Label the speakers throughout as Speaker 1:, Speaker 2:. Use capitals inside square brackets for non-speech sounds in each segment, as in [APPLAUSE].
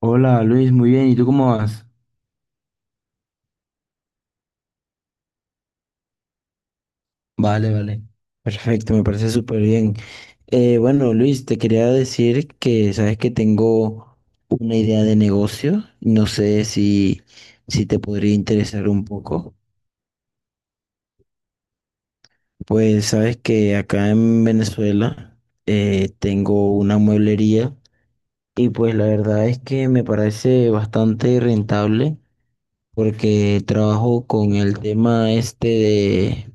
Speaker 1: Hola Luis, muy bien, ¿y tú cómo vas? Vale, vale. Perfecto, me parece súper bien. Bueno, Luis, te quería decir que sabes que tengo una idea de negocio. No sé si te podría interesar un poco. Pues sabes que acá en Venezuela tengo una mueblería y pues la verdad es que me parece bastante rentable porque trabajo con el tema este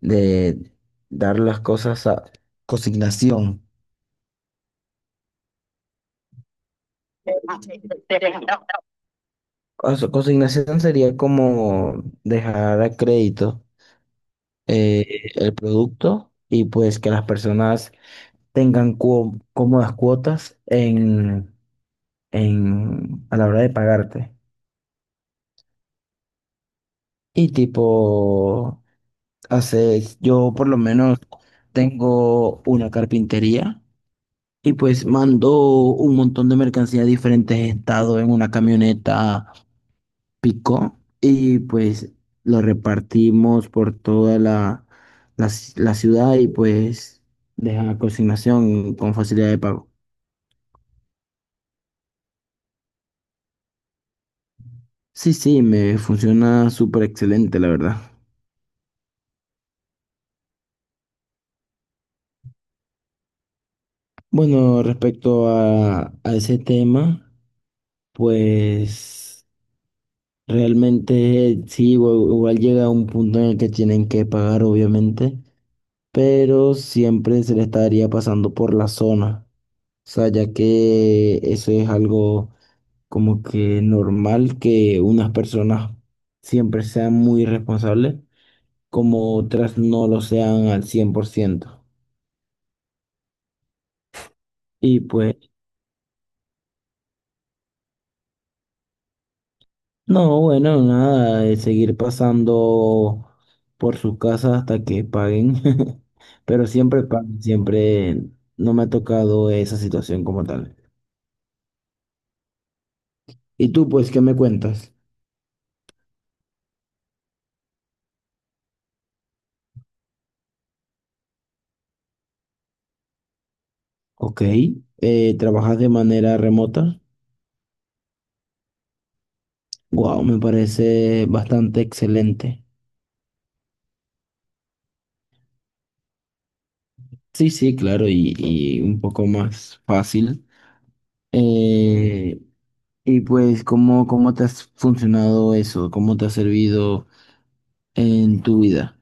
Speaker 1: de dar las cosas a consignación. Consignación sería como dejar a crédito eh, el producto y pues que las personas tengan cómodas cuotas en, a la hora de pagarte. Y tipo, hace, yo por lo menos tengo una carpintería y pues mando un montón de mercancía a diferentes estados en una camioneta picó y pues lo repartimos por toda la ciudad y pues deja la consignación con facilidad de pago. Sí, sí, me funciona súper excelente, la verdad. Bueno, respecto a ese tema, pues realmente sí, igual llega un punto en el que tienen que pagar, obviamente, pero siempre se le estaría pasando por la zona. O sea, ya que eso es algo como que normal, que unas personas siempre sean muy responsables, como otras no lo sean al cien por ciento. Y pues, no, bueno, nada, es seguir pasando por sus casas hasta que paguen, [LAUGHS] pero siempre pagan, siempre no me ha tocado esa situación como tal. ¿Y tú, pues, qué me cuentas? Ok, ¿trabajas de manera remota? Wow, me parece bastante excelente. Sí, sí, claro, y un poco más fácil. Eh, y pues, ¿cómo te ha funcionado eso? ¿Cómo te ha servido en tu vida?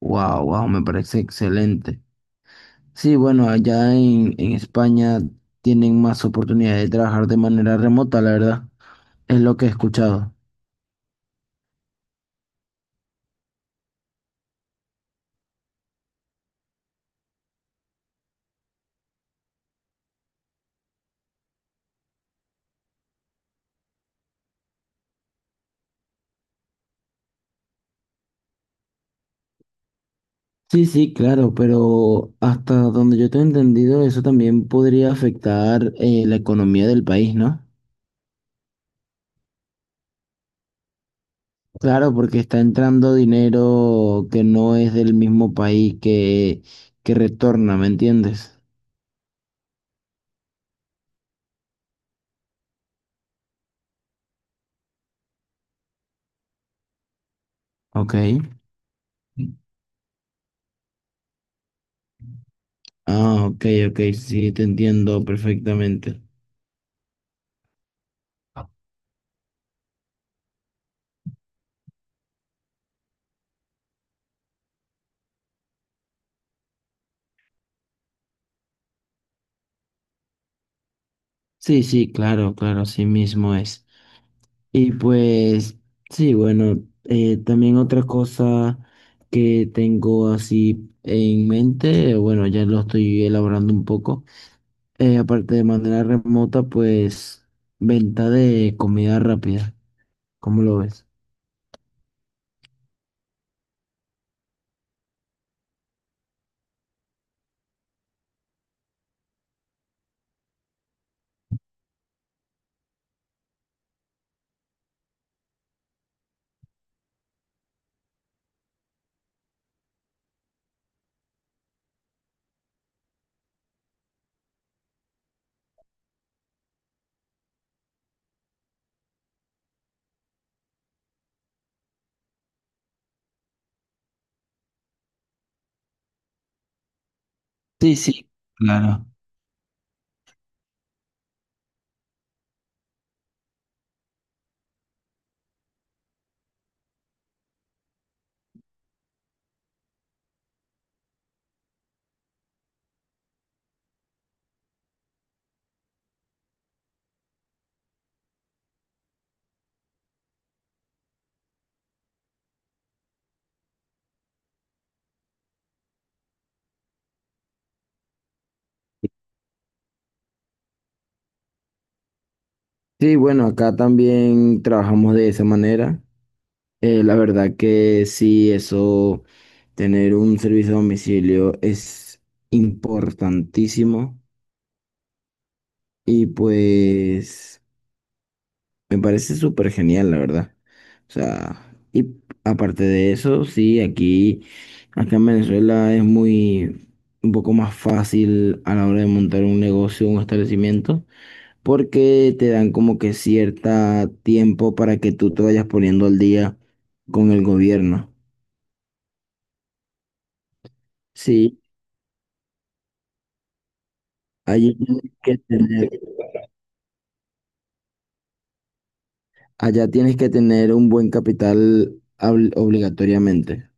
Speaker 1: Wow, wow, me parece excelente. Sí, bueno, allá en España tienen más oportunidad de trabajar de manera remota, la verdad. Es lo que he escuchado. Sí, sí, claro, pero hasta donde yo te he entendido, eso también podría afectar la economía del país, ¿no? Claro, porque está entrando dinero que no es del mismo país que retorna, ¿me entiendes? Ok. Ah, ok, ok, sí, te entiendo perfectamente. Sí, sí, claro, claro, así mismo es. Y pues, sí, bueno, también otra cosa que tengo así en mente, bueno, ya lo estoy elaborando un poco, aparte de manera remota, pues venta de comida rápida. ¿Cómo lo ves? Sí, sí, claro. Sí, bueno, acá también trabajamos de esa manera. La verdad que sí, eso, tener un servicio a domicilio es importantísimo y pues me parece súper genial, la verdad. O sea, y aparte de eso, sí, aquí, acá en Venezuela es muy, un poco más fácil a la hora de montar un negocio, un establecimiento, porque te dan como que cierta tiempo para que tú te vayas poniendo al día con el gobierno. Sí, allí tienes que tener, allá tienes que tener un buen capital obligatoriamente.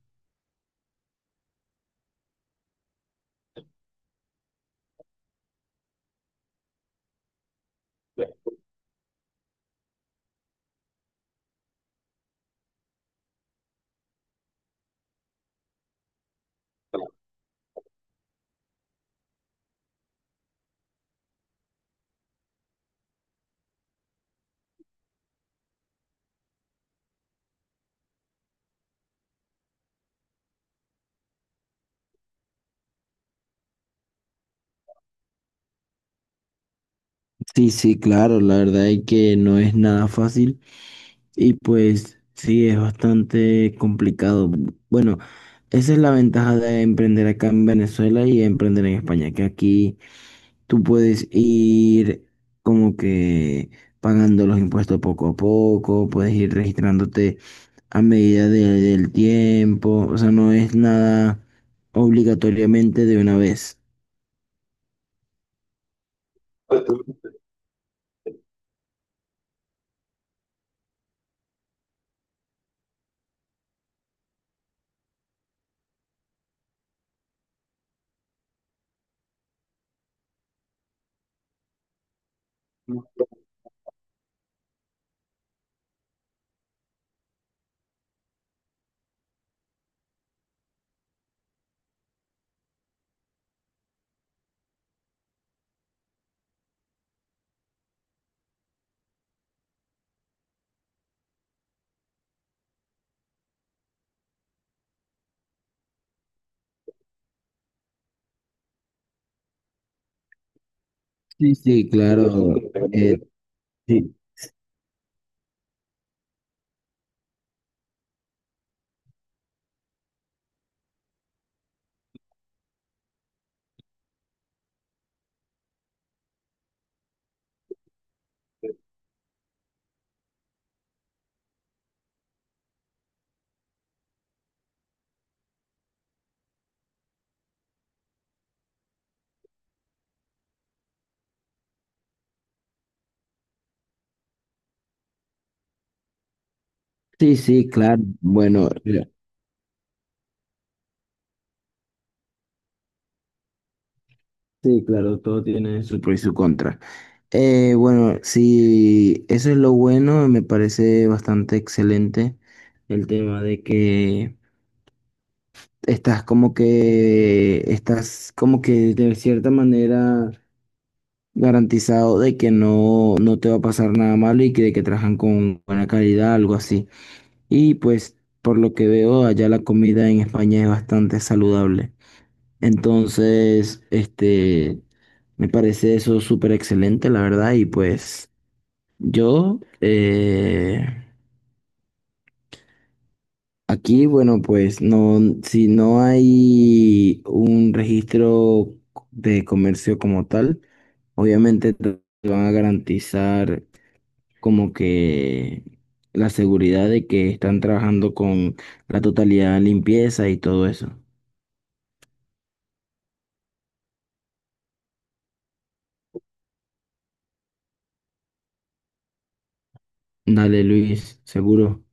Speaker 1: Sí, sí, claro, la verdad es que no es nada fácil y pues sí, es bastante complicado. Bueno, esa es la ventaja de emprender acá en Venezuela y emprender en España, que aquí tú puedes ir como que pagando los impuestos poco a poco, puedes ir registrándote a medida del tiempo, o sea, no es nada obligatoriamente de una vez. Sí, sí. Sí, claro. eh, sí, sí, sí, claro. Bueno, mira, sí, claro, todo tiene su pro y su contra. Bueno, sí, eso es lo bueno, me parece bastante excelente el tema de que estás como que de cierta manera garantizado de que no, no te va a pasar nada malo y que de que trabajan con buena calidad, algo así. Y pues, por lo que veo, allá la comida en España es bastante saludable. Entonces, este, me parece eso súper excelente, la verdad, y pues yo, aquí, bueno, pues no, si no hay un registro de comercio como tal, obviamente te van a garantizar como que la seguridad de que están trabajando con la totalidad de limpieza y todo eso. Dale, Luis, seguro.